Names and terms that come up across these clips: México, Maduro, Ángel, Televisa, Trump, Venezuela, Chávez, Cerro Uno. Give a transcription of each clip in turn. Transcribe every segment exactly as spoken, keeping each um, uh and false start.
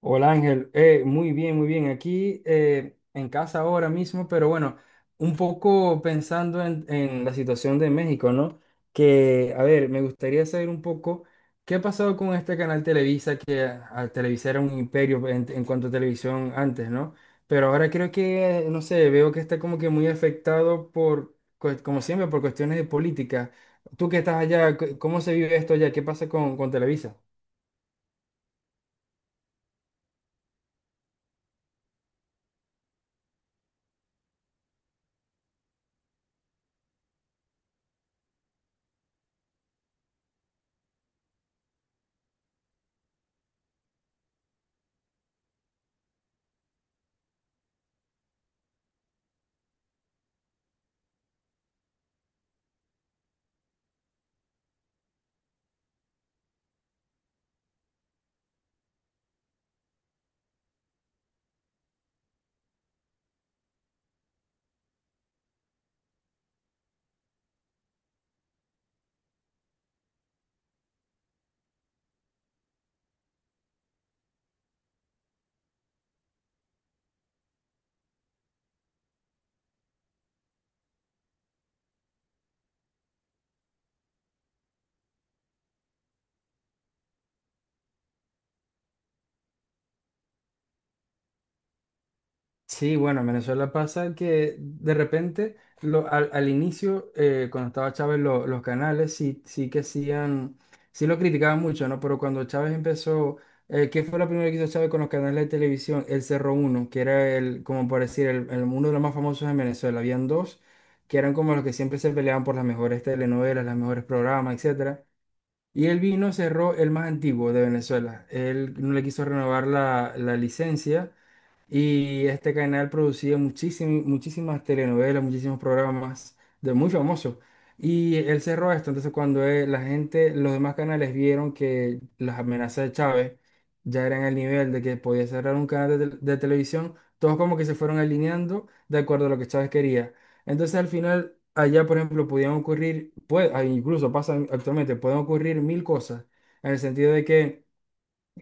Hola Ángel. Eh, muy bien, muy bien. Aquí eh, en casa ahora mismo, pero bueno, un poco pensando en, en la situación de México, ¿no? Que, a ver, me gustaría saber un poco qué ha pasado con este canal Televisa, que a, Televisa era un imperio en, en cuanto a televisión antes, ¿no? Pero ahora creo que, no sé, veo que está como que muy afectado por, cu- como siempre, por cuestiones de política. Tú que estás allá, c- ¿cómo se vive esto allá? ¿Qué pasa con, con Televisa? Sí, bueno, en Venezuela pasa que de repente, lo- al, al inicio, eh, cuando estaba Chávez, lo- los canales sí, sí que hacían, sí lo criticaban mucho, ¿no? Pero cuando Chávez empezó, eh, ¿qué fue lo primero que hizo Chávez con los canales de televisión? El Cerro Uno, que era el, como por decir, el, el- uno de los más famosos en Venezuela. Habían dos que eran como los que siempre se peleaban por las mejores telenovelas, los mejores programas, etcétera. Y él vino, cerró el más antiguo de Venezuela. Él no le quiso renovar la la licencia. Y este canal producía muchísimas, muchísimas telenovelas, muchísimos programas de muy famosos. Y él cerró esto. Entonces, cuando él- la gente, los demás canales vieron que las amenazas de Chávez ya eran al nivel de que podía cerrar un canal de, tel- de televisión, todos como que se fueron alineando de acuerdo a lo que Chávez quería. Entonces, al final, allá, por ejemplo, podían ocurrir, puede, ah, incluso pasa actualmente, pueden ocurrir mil cosas, en el sentido de que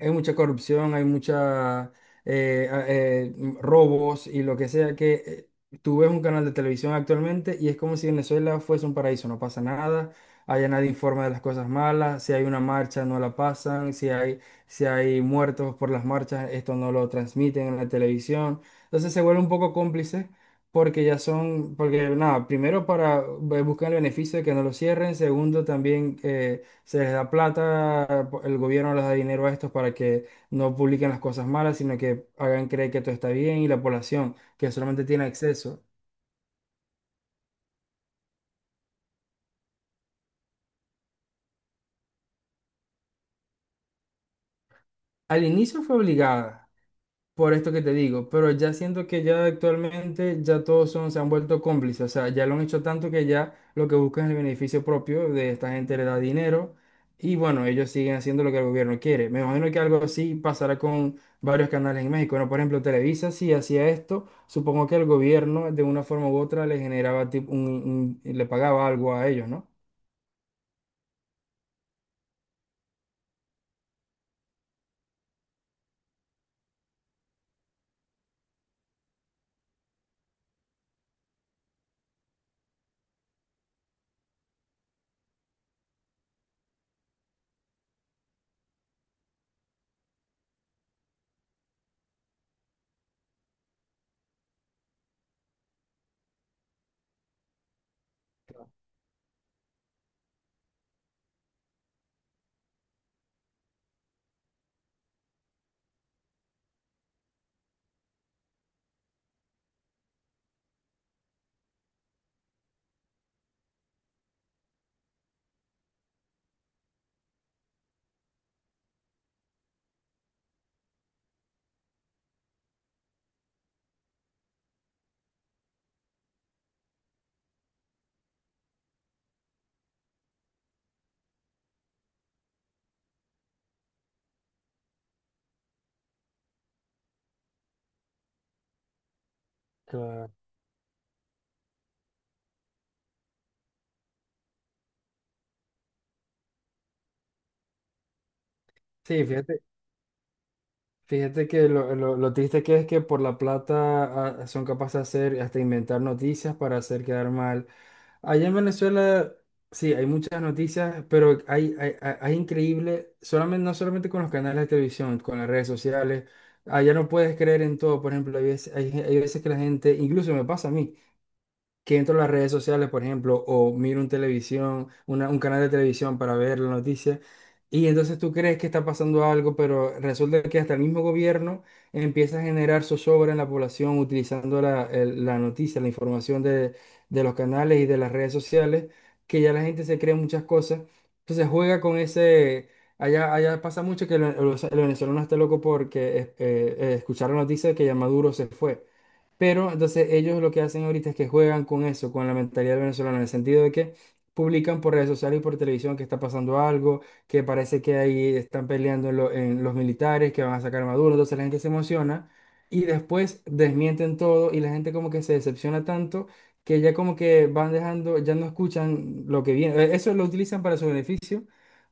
hay mucha corrupción, hay mucha eh, a- eh, m- robos y lo que sea que eh, tú ves un canal de televisión actualmente y es como si Venezuela fuese un paraíso, no pasa nada, allá nadie informa de las cosas malas, si hay una marcha no la pasan, si hay, si hay muertos por las marchas, esto no lo transmiten en la televisión, entonces se vuelve un poco cómplice. Porque ya son, porque nada, primero para eh, buscar el beneficio de que no lo cierren, segundo también eh, se les da plata, el gobierno les da dinero a estos para que no publiquen las cosas malas, sino que hagan creer que todo está bien y la población, que solamente tiene acceso. Al inicio fue obligada, por esto que te digo, pero ya siento que ya actualmente ya todos son, se han vuelto cómplices, o sea, ya lo han hecho tanto que ya lo que buscan es el beneficio propio de esta gente le da dinero y bueno, ellos siguen haciendo lo que el gobierno quiere. Me imagino que algo así pasará con varios canales en México, ¿no? Por ejemplo, Televisa si hacía esto, supongo que el gobierno de una forma u otra le generaba tipo un, un- le pagaba algo a ellos, ¿no? Claro. Sí, fíjate. Fíjate que lo, lo- lo triste que es que por la plata ah, son capaces de hacer, hasta inventar noticias para hacer quedar mal. Allá en Venezuela, sí, hay muchas noticias, pero hay, hay, hay- hay increíble, solamente, no solamente con los canales de televisión, con las redes sociales. Allá no puedes creer en todo, por ejemplo, hay veces, hay, hay veces que la gente, incluso me pasa a mí que entro a las redes sociales, por ejemplo, o miro un televisión, una- un canal de televisión para ver la noticia, y entonces tú crees que está pasando algo, pero resulta que hasta el mismo gobierno empieza a generar zozobra en la población utilizando la, el- la noticia, la información de, de los canales y de las redes sociales, que ya la gente se cree muchas cosas, entonces juega con ese. Allá, allá pasa mucho que el, el- el venezolano está loco porque eh, eh, escucharon noticias de que ya Maduro se fue. Pero entonces ellos lo que hacen ahorita es que juegan con eso, con la mentalidad venezolana, en el sentido de que publican por redes sociales y por televisión que está pasando algo, que parece que ahí están peleando lo- en los militares, que van a sacar a Maduro, entonces la gente se emociona y después desmienten todo y la gente como que se decepciona tanto que ya como que van dejando, ya no escuchan lo que viene. Eh, eso lo utilizan para su beneficio.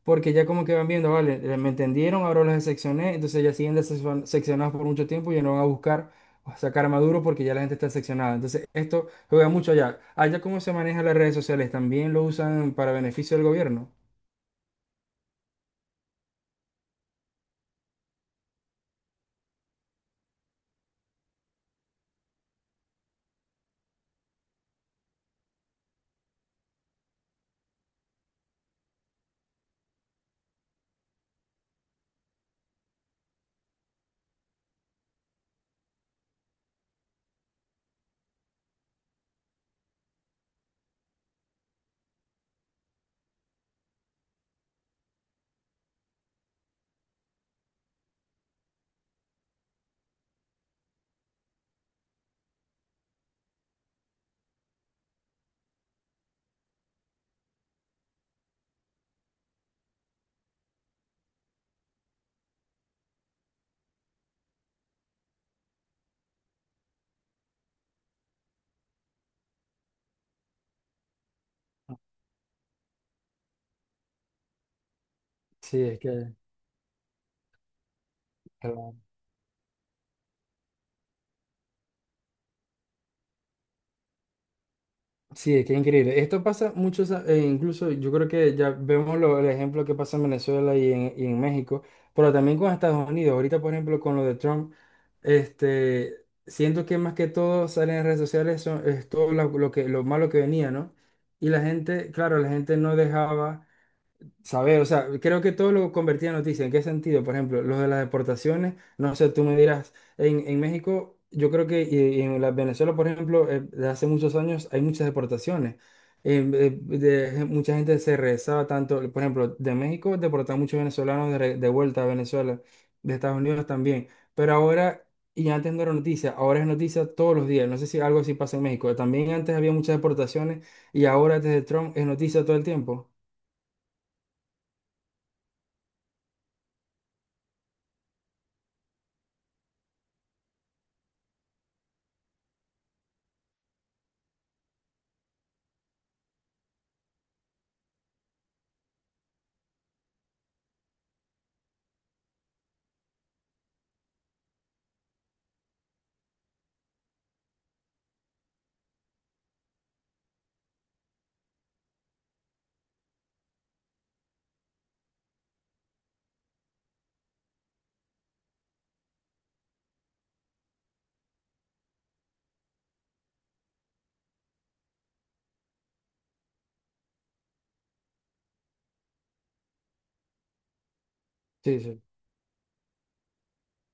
Porque ya como que van viendo, vale, eh, me entendieron, ahora los decepcioné, entonces ya siguen decepcion- decepcionados por mucho tiempo y ya no van a buscar sacar Maduro porque ya la gente está seccionada. Entonces, esto juega mucho allá. Allá, ¿cómo se manejan las redes sociales? ¿También lo usan para beneficio del gobierno? Sí, es que, claro. Sí, es que es increíble. Esto pasa mucho, sa- e incluso yo creo que ya vemos lo- el ejemplo que pasa en Venezuela y en, y en México, pero también con Estados Unidos. Ahorita, por ejemplo, con lo de Trump, este, siento que más que todo salen en redes sociales son, es todo lo, lo que, lo malo que venía, ¿no? Y la gente, claro, la gente no dejaba. Saber, o sea, creo que todo lo convertía en noticia. ¿En qué sentido? Por ejemplo, lo de las deportaciones, no sé, tú me dirás, en, en México, yo creo que y- y en la Venezuela, por ejemplo, eh, de hace muchos años hay muchas deportaciones. Em, eh, de- mucha gente se regresaba tanto, por ejemplo, de México deportaban muchos venezolanos de, re- de vuelta a Venezuela, de Estados Unidos también. Pero ahora, y antes no era noticia, ahora es noticia todos los días. No sé si algo así pasa en México. También antes había muchas deportaciones y ahora desde Trump es noticia todo el tiempo. Sí, sí.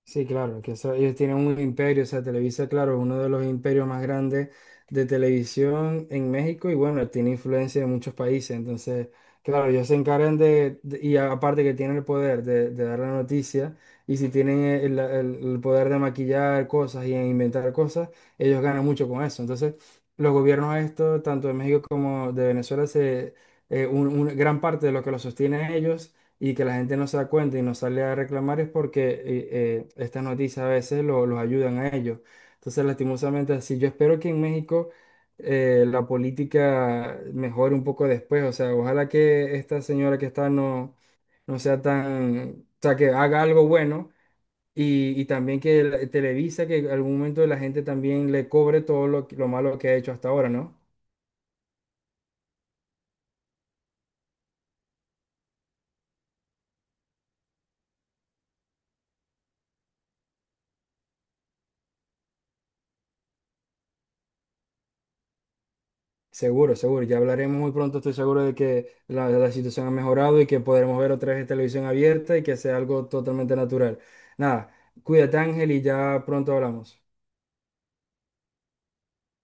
Sí, claro, que eso- ellos tienen un imperio, o sea, Televisa, claro, uno de los imperios más grandes de televisión en México y bueno, tiene influencia en muchos países, entonces, claro, ellos se encargan de, de- y aparte que tienen el poder de, de dar la noticia y si tienen el, el- el poder de maquillar cosas y inventar cosas, ellos ganan mucho con eso. Entonces, los gobiernos estos, tanto de México como de Venezuela, se, eh, un- una gran parte de lo que los sostiene a ellos y que la gente no se da cuenta y no sale a reclamar es porque eh, eh, estas noticias a veces lo- los ayudan a ellos. Entonces, lastimosamente así, yo espero que en México eh, la política mejore un poco después, o sea, ojalá que esta señora que está no, no sea tan, o sea, que haga algo bueno. Y, y también que la- Televisa, que en algún momento la gente también le cobre todo lo, que- lo malo que ha hecho hasta ahora, ¿no? Seguro, seguro. Ya hablaremos muy pronto. Estoy seguro de que la, la situación ha mejorado y que podremos ver otra vez televisión abierta y que sea algo totalmente natural. Nada, cuídate, Ángel, y ya pronto hablamos.